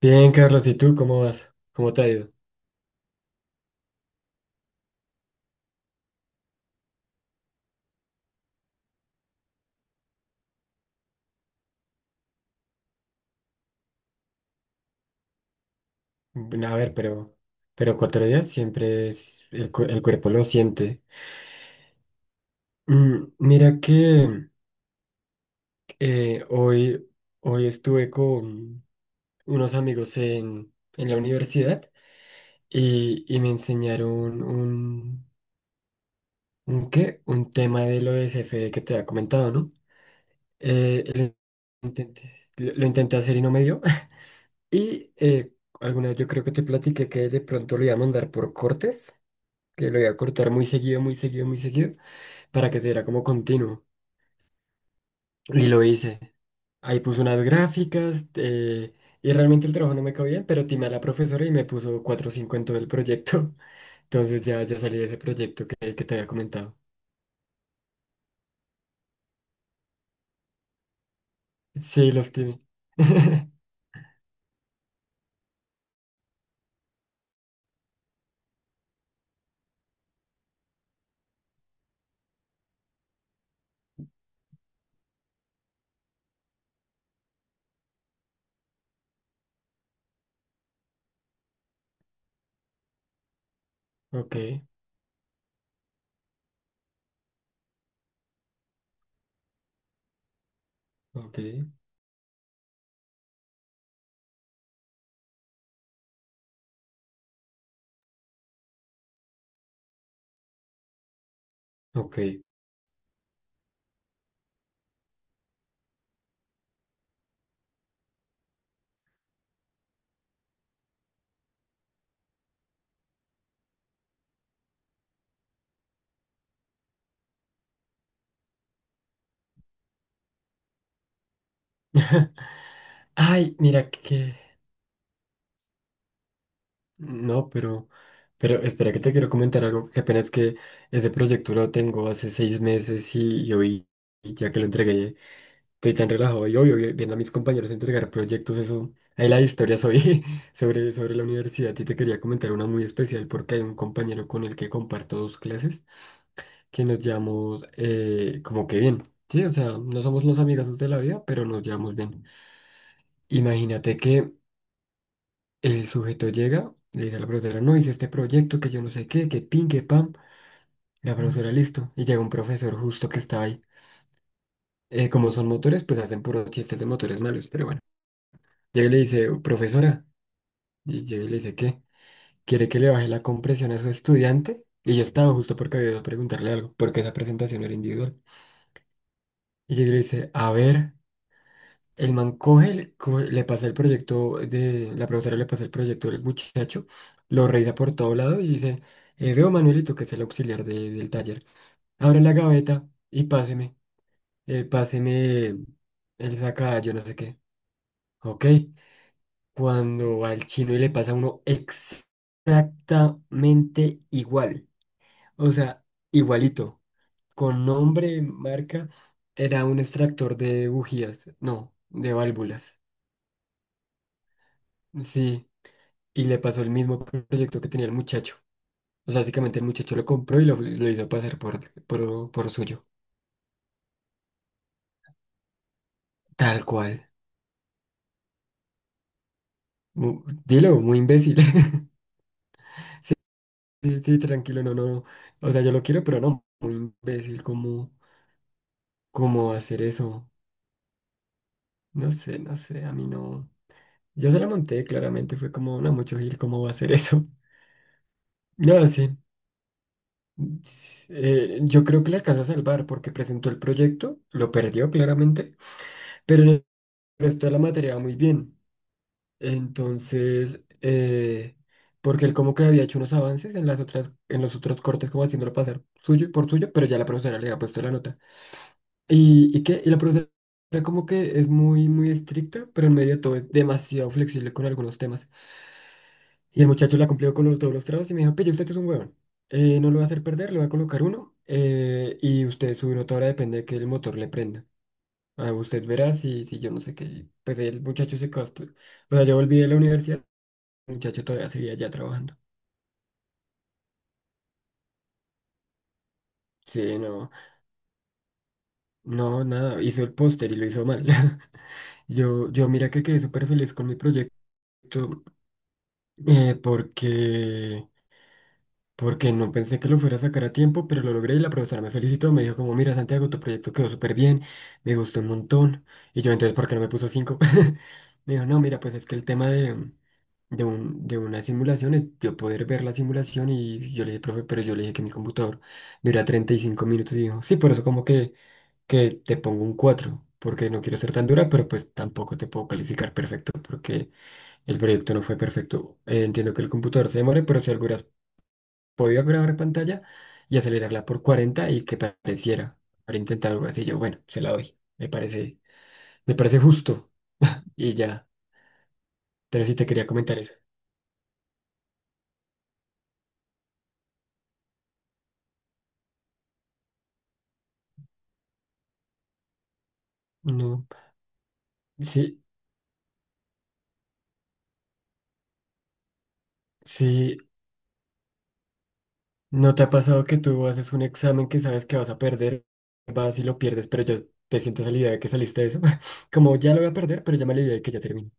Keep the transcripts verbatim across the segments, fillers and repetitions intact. Bien, Carlos, ¿y tú cómo vas? ¿Cómo te ha ido? Bueno, a ver, pero, pero cuatro días siempre es, el, cu- el cuerpo lo siente. Mm, mira que eh, hoy, hoy estuve con unos amigos en, en la universidad y, y me enseñaron un, un ¿qué? Un tema de lo de C F D que te había comentado, ¿no? Eh, lo intenté, lo- lo intenté hacer y no me dio. Y eh, alguna vez yo creo que te platiqué que de pronto lo iba a mandar por cortes, que lo iba a cortar muy seguido, muy seguido, muy seguido, para que se viera como continuo. Y lo hice. Ahí puso unas gráficas, eh, y realmente el trabajo no me quedó bien, pero timé a la profesora y me puso cuatro o cinco en todo el proyecto. Entonces ya, ya salí de ese proyecto que, que te había comentado. Sí, los timé. Ok, ok, ok. Ay, mira que. No, pero, pero espera que te quiero comentar algo, que apenas que ese proyecto lo tengo hace seis meses y, y hoy, y ya que lo entregué, estoy tan relajado y obvio, viendo a mis compañeros entregar proyectos, eso, ahí la historia soy sobre, sobre la universidad y te quería comentar una muy especial porque hay un compañero con el que comparto dos clases, que nos llamamos eh, como que bien, sí, o sea, no somos los amigos de la vida, pero nos llevamos bien. Imagínate que el sujeto llega, le dice a la profesora, no, hice este proyecto, que yo no sé qué, que pin, que pam. La profesora, listo. Y llega un profesor justo que está ahí. Eh, como son motores, pues hacen puros chistes de motores malos, pero bueno. Llega y le dice, profesora, y llega y le dice, ¿qué? ¿Quiere que le baje la compresión a su estudiante? Y yo estaba justo porque había ido a preguntarle algo, porque esa presentación era individual. Y llega y le dice, a ver. El man coge, el- coge- le pasa el proyecto de, la profesora le pasa el proyecto del muchacho, lo revisa por todo lado y dice, eh, veo Manuelito, que es el auxiliar de- del taller, abre la gaveta y páseme, eh, páseme, él saca yo no sé qué, ok, cuando va el chino y le pasa a uno exactamente igual, o sea, igualito, con nombre, marca, era un extractor de bujías, no, de válvulas, sí. Y le pasó el mismo proyecto que tenía el muchacho. O sea, básicamente el muchacho lo compró y lo, lo hizo pasar por, por, por suyo. Tal cual. Mu- dilo, muy imbécil. Sí, sí, tranquilo, no, no. No. O sea, yo lo quiero, pero no. Muy imbécil, ¿cómo, cómo hacer eso? No sé, no sé, a mí no. Yo se lo monté, claramente, fue como, no, mucho Gil, ¿cómo va a hacer eso? No, sí. s- eh, yo creo que le alcanza a salvar porque presentó el proyecto, lo perdió claramente, pero en el resto de la materia va muy bien. Entonces, eh, porque él como que había hecho unos avances en las otras, en los otros cortes, como haciéndolo pasar suyo y por suyo, pero ya la profesora le había puesto la nota. ¿Y, y qué? Y la profesora como que es muy, muy estricta, pero en medio de todo es demasiado flexible con algunos temas. Y el muchacho la cumplió con los- todos los trabajos y me dijo, pille, usted es un huevón. Eh, no lo va a hacer perder, le voy a colocar uno. eh, y usted, su nota ahora depende de que el motor le prenda. Ah, usted verá si, si yo no sé qué. Pues el muchacho se costó. O sea, yo volví de la universidad, muchacho todavía seguía allá trabajando. Sí, no, no, nada, hizo el póster y lo hizo mal. Yo, yo mira que quedé súper feliz con mi proyecto, eh, porque porque no pensé que lo fuera a sacar a tiempo, pero lo logré y la profesora me felicitó. Me dijo como, mira, Santiago, tu proyecto quedó súper bien, me gustó un montón. Y yo, entonces, ¿por qué no me puso cinco? Me dijo, no, mira, pues es que el tema de, de, un, de una simulación es yo poder ver la simulación. Y yo le dije, profe, pero yo le dije que mi computador dura treinta y cinco minutos. Y dijo, sí, por eso como que, que te pongo un cuatro porque no quiero ser tan dura, pero pues tampoco te puedo calificar perfecto, porque el proyecto no fue perfecto. Eh, entiendo que el computador se demore, pero si algo podía grabar en pantalla y acelerarla por cuarenta y que pareciera para intentar algo así. Yo, bueno, se la doy. Me parece, me parece justo. Y ya. Pero sí te quería comentar eso. No. Sí, sí. ¿No te ha pasado que tú haces un examen que sabes que vas a perder? Vas y lo pierdes, pero ya te sientes a la idea de que saliste de eso. Como ya lo voy a perder, pero ya me la idea de que ya termino.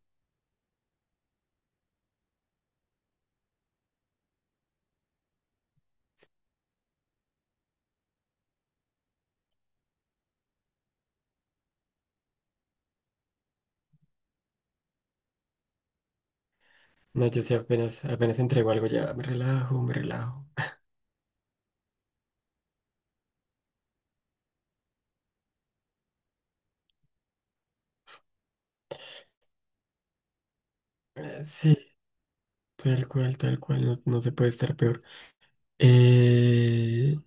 No, yo sí apenas, apenas entrego algo, ya me relajo, me relajo. Eh, Sí, tal cual, tal cual, no, no se puede estar peor. Eh,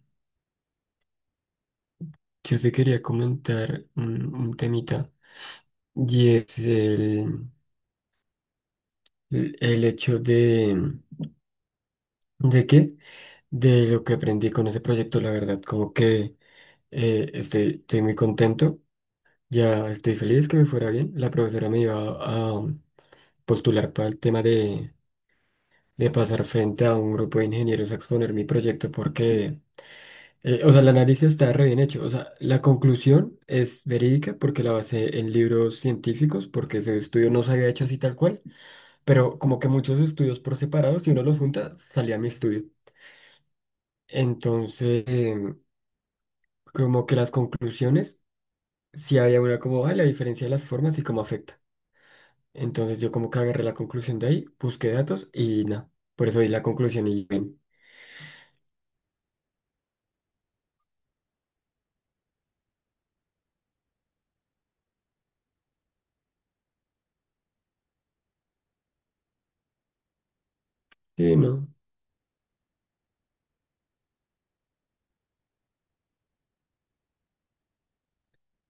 Yo te quería comentar un, un temita y es el, el- el hecho de, ¿de qué? De lo que aprendí con ese proyecto, la verdad, como que eh, estoy, estoy muy contento, ya estoy feliz que me fuera bien. La profesora me iba a, um, postular para el tema de, de pasar frente a un grupo de ingenieros a exponer mi proyecto porque eh, o sea, el análisis está re bien hecho. O sea, la conclusión es verídica porque la basé en libros científicos, porque ese estudio no se había hecho así tal cual, pero como que muchos estudios por separado, si uno los junta, salía mi estudio. Entonces, em, como que las conclusiones, sí había una como, ah, la diferencia de las formas y cómo afecta. Entonces yo como que agarré la conclusión de ahí, busqué datos y nada. Por eso di la conclusión y bien. Sí, no.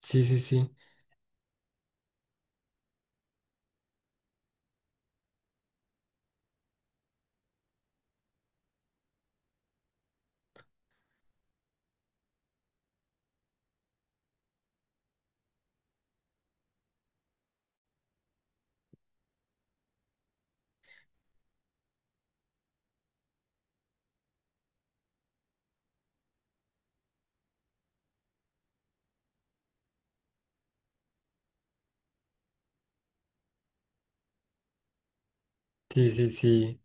Sí, sí, sí. Sí, sí, sí.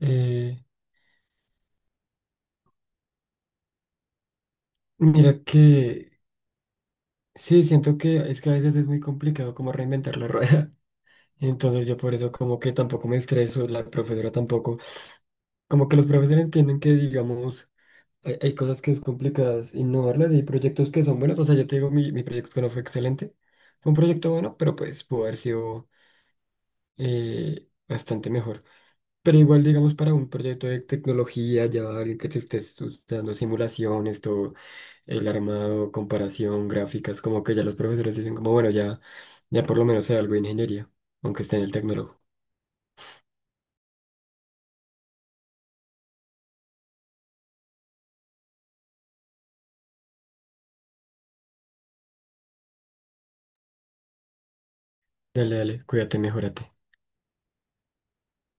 Eh, mira que. Sí, siento que es que a veces es muy complicado como reinventar la rueda. Entonces yo por eso como que tampoco me estreso, la profesora tampoco. Como que los profesores entienden que digamos hay, hay cosas que es complicadas innovarlas y hay proyectos que son buenos. O sea, yo te digo, mi, mi proyecto que no fue excelente. Fue un proyecto bueno, pero pues pudo haber sido eh, bastante mejor. Pero igual, digamos, para un proyecto de tecnología, ya alguien que te esté estudiando simulaciones, todo el armado, comparación, gráficas, como que ya los profesores dicen como, bueno, ya, ya, por lo menos sea algo de ingeniería, aunque esté en el tecnólogo. Dale, dale, cuídate, mejórate.